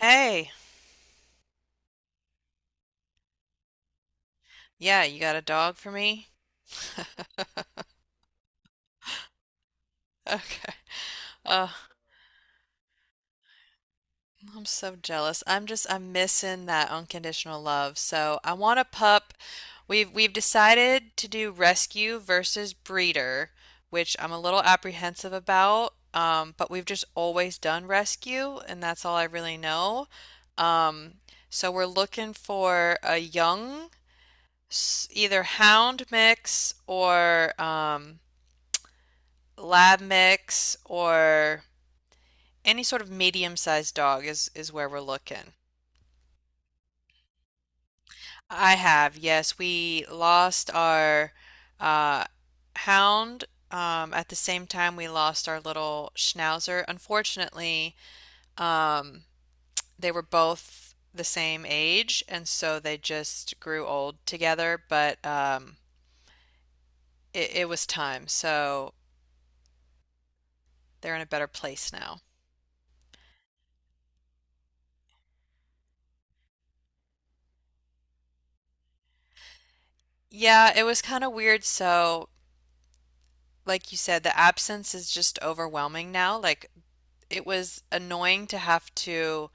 Hey, yeah, you got a dog for me? Okay. Uh, I'm so jealous. I'm missing that unconditional love. So I want a pup. We've decided to do rescue versus breeder, which I'm a little apprehensive about. But we've just always done rescue, and that's all I really know. Um, so we're looking for a young, either hound mix or lab mix or any sort of medium-sized dog is where we're looking. I have, yes, we lost our uh, hound, at the same time we lost our little schnauzer. Unfortunately, um, they were both the same age, and so they just grew old together. But it was time, so they're in a better place now. Yeah, it was kind of weird. So, like you said, the absence is just overwhelming now. Like it was annoying to have to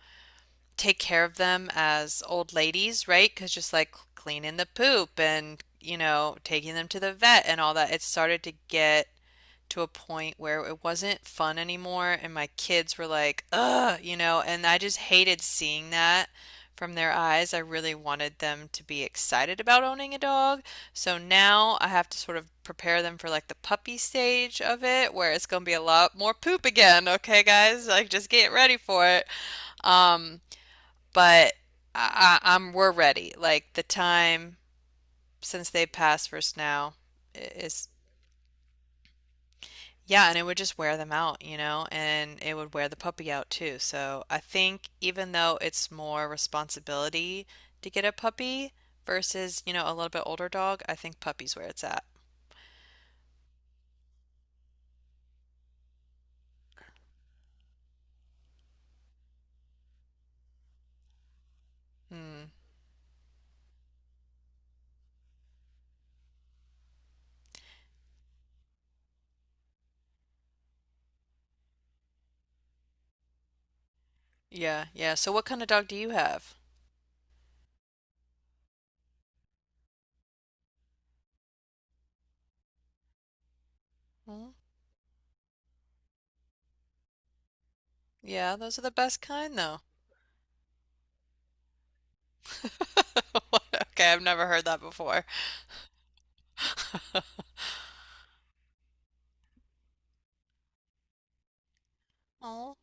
take care of them as old ladies, right? Because just like cleaning the poop and, taking them to the vet and all that, it started to get to a point where it wasn't fun anymore. And my kids were like, ugh, and I just hated seeing that from their eyes. I really wanted them to be excited about owning a dog. So now I have to sort of prepare them for like the puppy stage of it, where it's going to be a lot more poop again. Okay, guys, like just get ready for it. Um, but I, am we're ready. Like the time since they passed first now is yeah, and it would just wear them out, and it would wear the puppy out too. So I think even though it's more responsibility to get a puppy versus, a little bit older dog, I think puppy's where it's at. Hmm. Yeah, yeah. So what kind of dog do you have? Hmm. Yeah, those are the best kind though. Okay, I've never heard that before. Oh.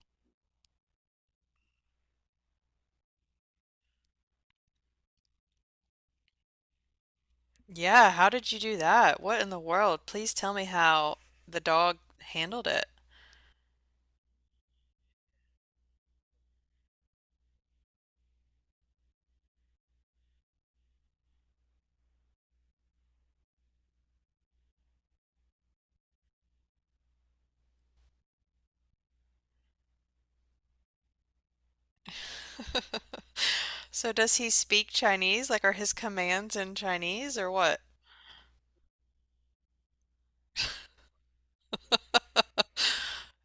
Yeah, how did you do that? What in the world? Please tell me how the dog handled it. So does he speak Chinese? Like are his commands in Chinese or what?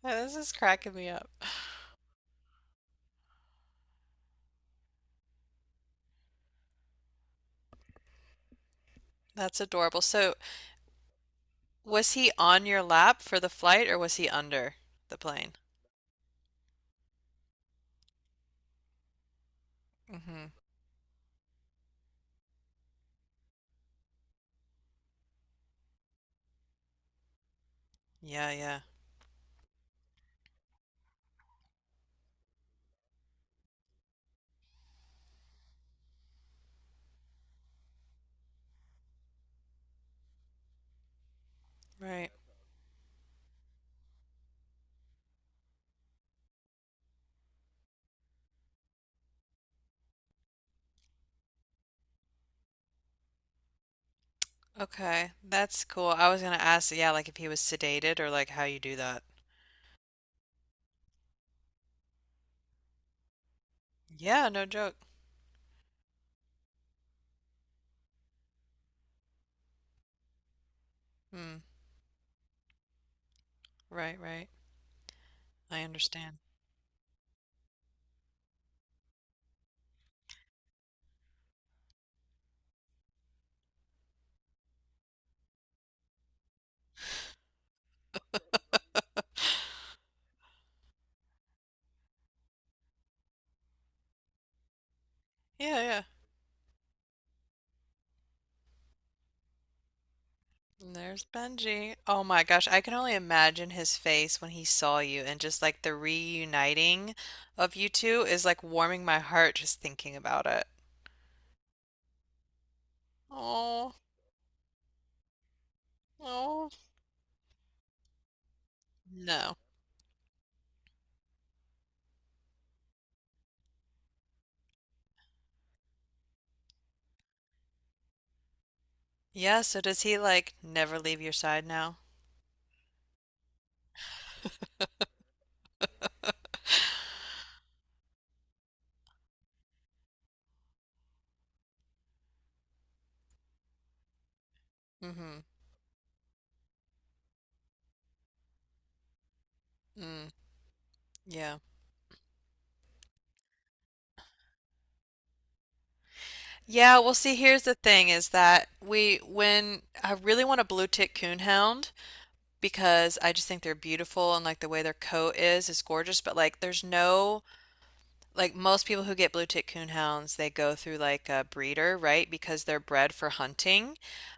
Oh, this is cracking me up. That's adorable. So was he on your lap for the flight or was he under the plane? Mm-hmm. Yeah, yeah. Right. Okay. That's cool. I was gonna ask, yeah, like if he was sedated or like how you do that. Yeah, no joke. Hmm. Right, right. I understand. Yeah, yeah. And there's Benji. Oh my gosh, I can only imagine his face when he saw you and just like the reuniting of you two is like warming my heart just thinking about it. Oh, oh. No. Yeah, so does he like never leave your side now? Mm-hmm. Mm, yeah. Yeah, well see, here's the thing is that we when I really want a blue tick coonhound because I just think they're beautiful and like the way their coat is gorgeous, but like there's no like most people who get blue tick coonhounds, they go through like a breeder, right? Because they're bred for hunting.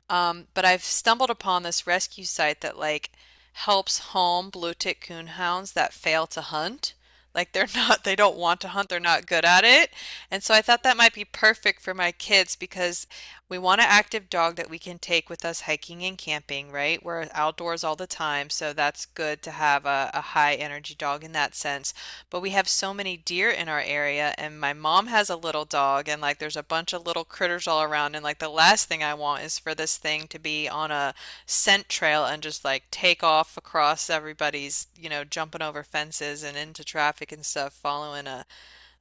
But I've stumbled upon this rescue site that like helps home blue tick coonhounds that fail to hunt. Like they're not, they don't want to hunt, they're not good at it. And so I thought that might be perfect for my kids because we want an active dog that we can take with us hiking and camping, right? We're outdoors all the time, so that's good to have a high energy dog in that sense. But we have so many deer in our area, and my mom has a little dog, and like there's a bunch of little critters all around. And like the last thing I want is for this thing to be on a scent trail and just like take off across everybody's, jumping over fences and into traffic and stuff, following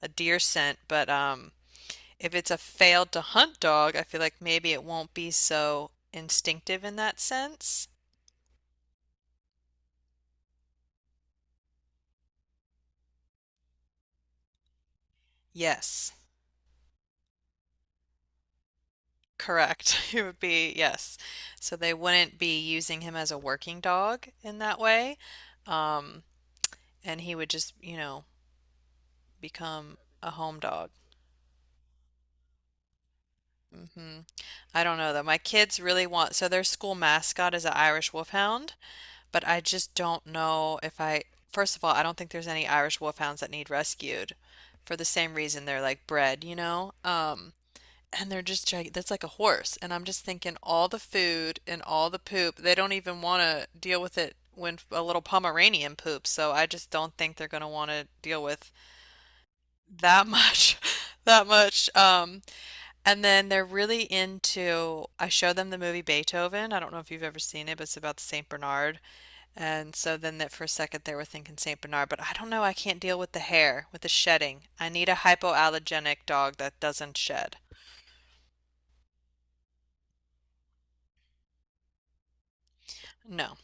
a deer scent. But, if it's a failed to hunt dog, I feel like maybe it won't be so instinctive in that sense. Yes, correct. It would be yes. So they wouldn't be using him as a working dog in that way. Um, and he would just, become a home dog. Hmm. I don't know though. My kids really want, so their school mascot is an Irish Wolfhound. But I just don't know if I, First of all, I don't think there's any Irish wolfhounds that need rescued for the same reason they're like bred, you know? And they're just gig that's like a horse. And I'm just thinking all the food and all the poop, they don't even want to deal with it when a little Pomeranian poops. So I just don't think they're going to want to deal with that much. That much. And then they're really into. I show them the movie Beethoven. I don't know if you've ever seen it, but it's about the Saint Bernard, and so then that for a second they were thinking St. Bernard, but I don't know, I can't deal with the hair, with the shedding. I need a hypoallergenic dog that doesn't shed. No,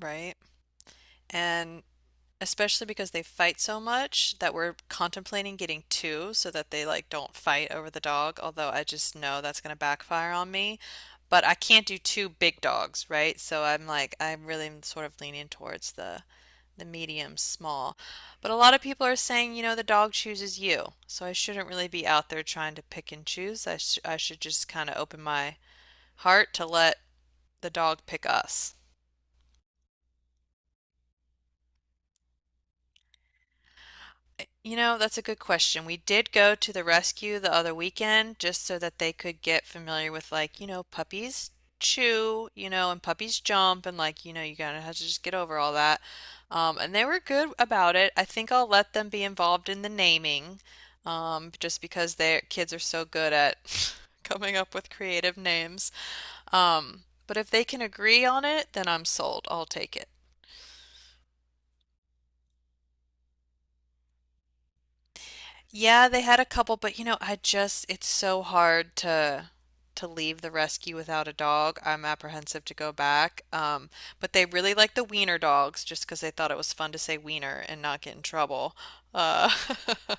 right? And especially because they fight so much that we're contemplating getting two so that they like don't fight over the dog, although I just know that's going to backfire on me. But I can't do two big dogs, right? So I'm like I'm really mm, sort of leaning towards the medium small. But a lot of people are saying, you know, the dog chooses you. So I shouldn't really be out there trying to pick and choose. I should just kind of open my heart to let the dog pick us. You know, that's a good question. We did go to the rescue the other weekend just so that they could get familiar with, like, you know, puppies chew, you know, and puppies jump, and like, you know, you gotta have to just get over all that. And they were good about it. I think I'll let them be involved in the naming, just because their kids are so good at coming up with creative names. Um, but if they can agree on it, then I'm sold. I'll take it. Yeah, they had a couple, but you know, I just it's so hard to leave the rescue without a dog. I'm apprehensive to go back. But they really like the wiener dogs just because they thought it was fun to say wiener and not get in trouble. Uh,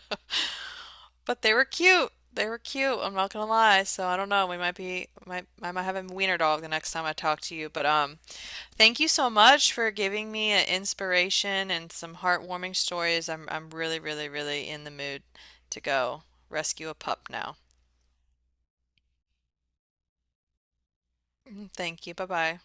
but they were cute. They were cute. I'm not gonna lie. So I don't know. We might be might I might have a wiener dog the next time I talk to you. But thank you so much for giving me an inspiration and some heartwarming stories. I'm really, really, really in the mood to go rescue a pup now. Mm, thank you. Bye-bye.